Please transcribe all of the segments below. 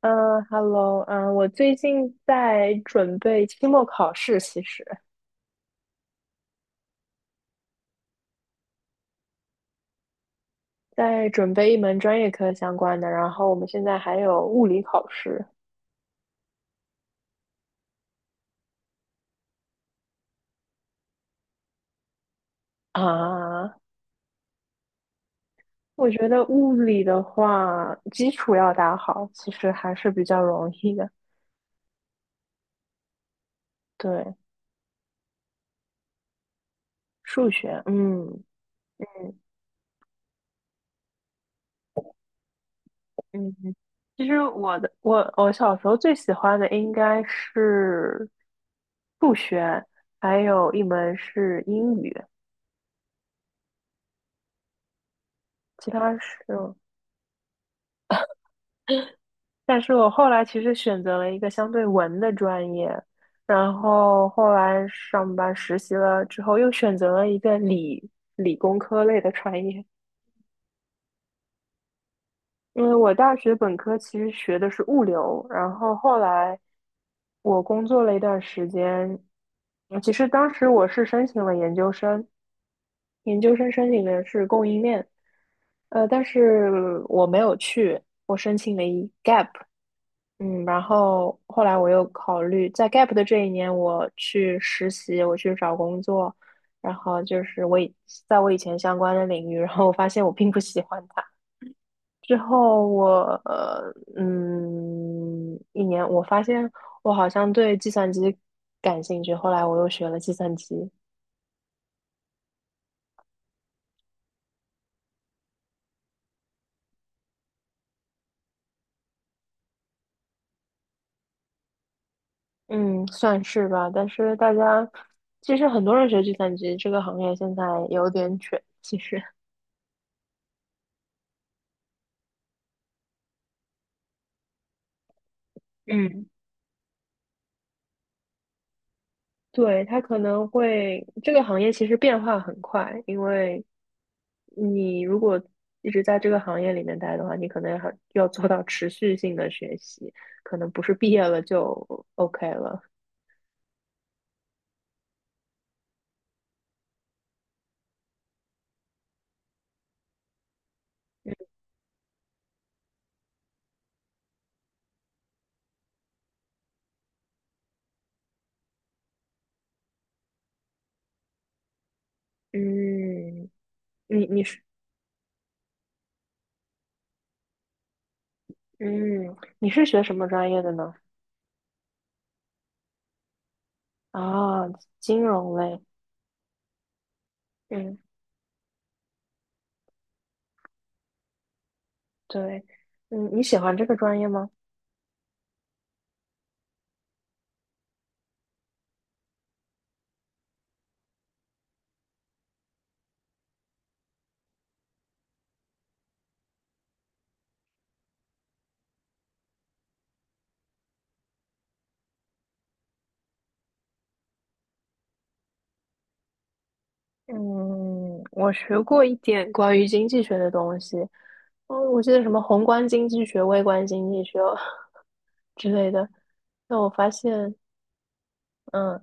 嗯，Hello，我最近在准备期末考试，其实在准备一门专业课相关的，然后我们现在还有物理考试啊。我觉得物理的话，基础要打好，其实还是比较容易的。对，数学，嗯嗯，嗯其实我的我我小时候最喜欢的应该是数学，还有一门是英语，其他是。但是我后来其实选择了一个相对文的专业，然后后来上班实习了之后，又选择了一个理工科类的专业。因为我大学本科其实学的是物流，然后后来我工作了一段时间，嗯其实当时我是申请了研究生，研究生申请的是供应链，但是我没有去，我申请了一 gap。嗯，然后后来我又考虑，在 gap 的这一年，我去实习，我去找工作，然后就是在我以前相关的领域，然后我发现我并不喜欢它。之后我一年我发现我好像对计算机感兴趣，后来我又学了计算机，嗯，算是吧。但是大家其实很多人学计算机这个行业现在有点卷，其实。嗯。对，它可能会，这个行业其实变化很快，因为你如果一直在这个行业里面待的话，你可能还要做到持续性的学习，可能不是毕业了就 OK 了。嗯，你你是嗯你是学什么专业的呢？啊，金融类。嗯，对，嗯，你喜欢这个专业吗？嗯，我学过一点关于经济学的东西，哦，我记得什么宏观经济学、微观经济学 之类的。那我发现，嗯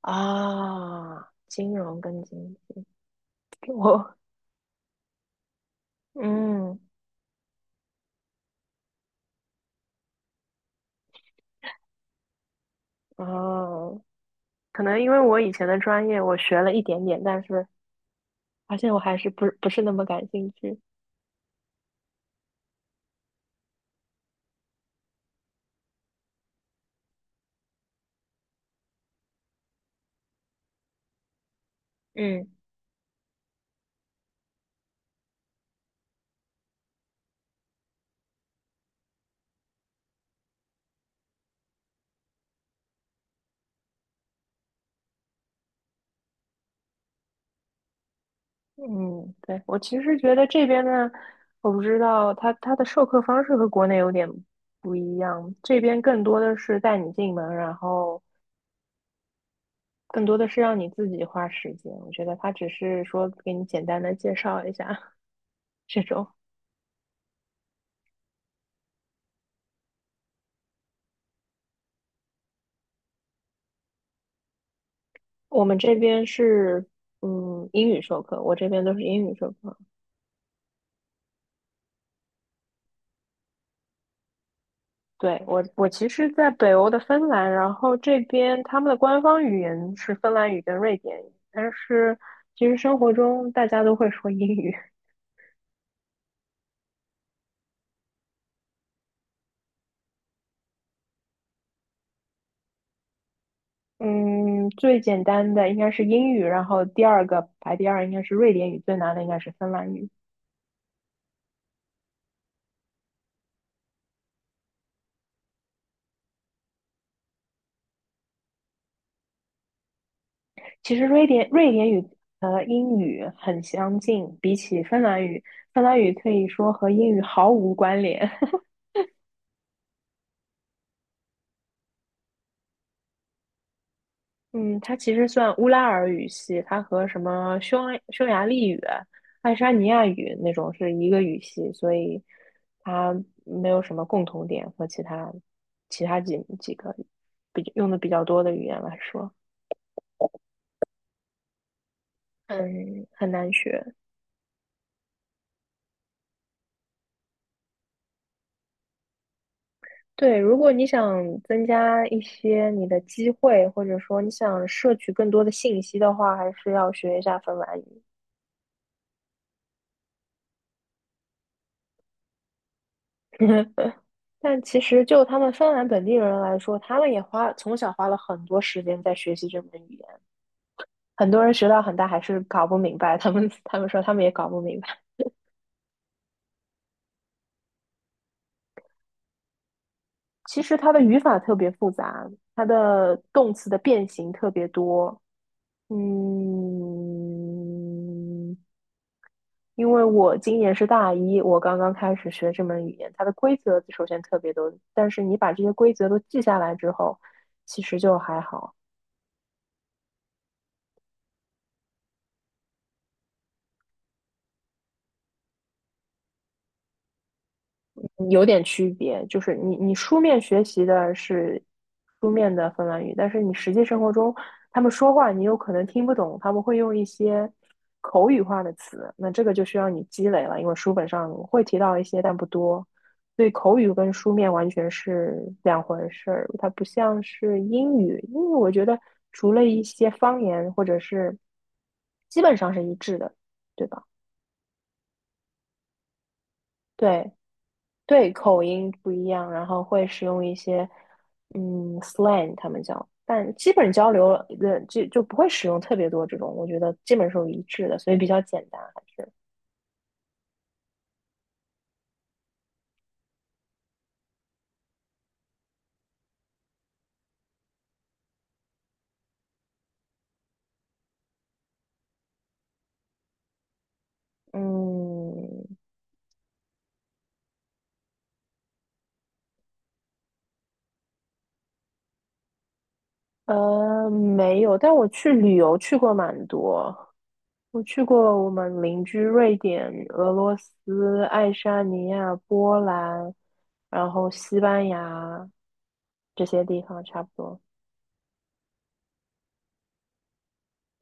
啊，金融跟经济，我嗯哦，可能因为我以前的专业我学了一点点，但是发现我还是不是那么感兴趣。嗯嗯，对，我其实觉得这边呢，我不知道它的授课方式和国内有点不一样，这边更多的是带你进门，然后。更多的是让你自己花时间。我觉得他只是说给你简单的介绍一下 这种。我们这边是嗯英语授课，我这边都是英语授课。对，我，我其实，在北欧的芬兰，然后这边他们的官方语言是芬兰语跟瑞典语，但是其实生活中大家都会说英语。嗯，最简单的应该是英语，然后第二个排第二应该是瑞典语，最难的应该是芬兰语。其实瑞典语和英语很相近，比起芬兰语，芬兰语可以说和英语毫无关联。嗯，它其实算乌拉尔语系，它和什么匈牙利语、爱沙尼亚语那种是一个语系，所以它没有什么共同点和其他几个比用的比较多的语言来说，很难学。对，如果你想增加一些你的机会，或者说你想摄取更多的信息的话，还是要学一下芬兰语。但其实就他们芬兰本地人来说，他们也花从小花了很多时间在学习这门语言。很多人学到很大还是搞不明白，他们说他们也搞不明白。其实它的语法特别复杂，它的动词的变形特别多。嗯，因为我今年是大一，我刚刚开始学这门语言，它的规则首先特别多，但是你把这些规则都记下来之后，其实就还好。有点区别，就是你书面学习的是书面的芬兰语，但是你实际生活中他们说话，你有可能听不懂，他们会用一些口语化的词，那这个就需要你积累了，因为书本上会提到一些，但不多，所以口语跟书面完全是两回事儿，它不像是英语，因为我觉得除了一些方言或者是基本上是一致的，对吧？对，对，口音不一样，然后会使用一些嗯 slang，他们叫，但基本交流的就不会使用特别多这种，我觉得基本是一致的，所以比较简单，还是嗯呃没有，但我去旅游去过蛮多，我去过我们邻居瑞典、俄罗斯、爱沙尼亚、波兰，然后西班牙这些地方差不多。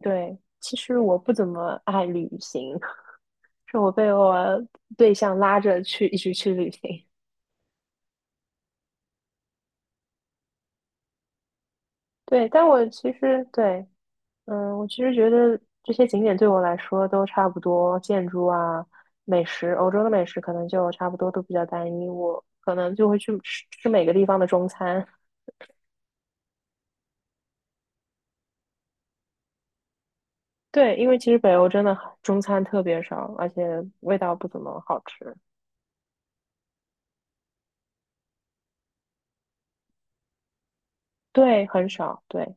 对，其实我不怎么爱旅行。是我被我对象拉着去一起去旅行。对，但我其实对，嗯，我其实觉得这些景点对我来说都差不多，建筑啊、美食，欧洲的美食可能就差不多都比较单一，我可能就会去吃吃每个地方的中餐。对，因为其实北欧真的很中餐特别少，而且味道不怎么好吃。对，很少。对，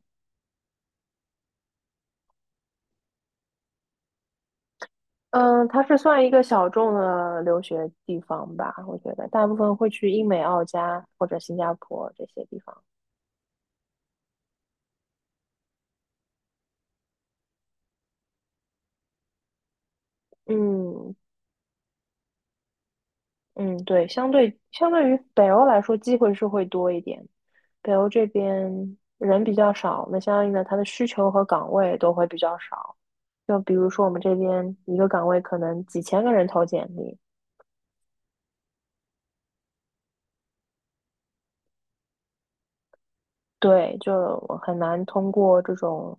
嗯，它是算一个小众的留学地方吧，我觉得大部分会去英美、澳加或者新加坡这些地方。嗯嗯，对，相对于北欧来说，机会是会多一点。北欧这边人比较少，那相应的它的需求和岗位都会比较少。就比如说我们这边一个岗位可能几千个人投简历，对，就很难通过这种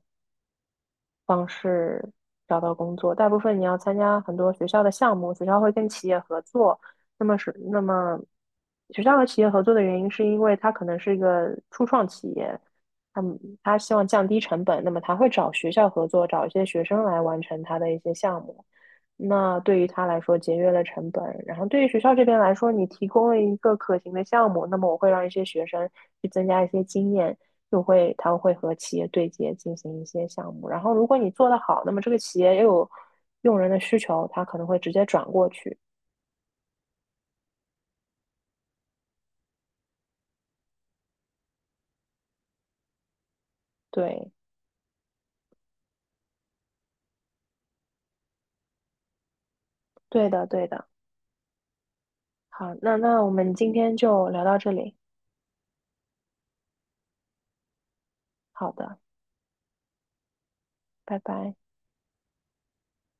方式找到工作。大部分你要参加很多学校的项目，学校会跟企业合作。那么是那么，学校和企业合作的原因是因为它可能是一个初创企业，他希望降低成本，那么他会找学校合作，找一些学生来完成他的一些项目。那对于他来说节约了成本，然后对于学校这边来说，你提供了一个可行的项目，那么我会让一些学生去增加一些经验，他会和企业对接进行一些项目。然后如果你做得好，那么这个企业也有用人的需求，他可能会直接转过去。对，对的，对的。好，那我们今天就聊到这里。好的，拜拜。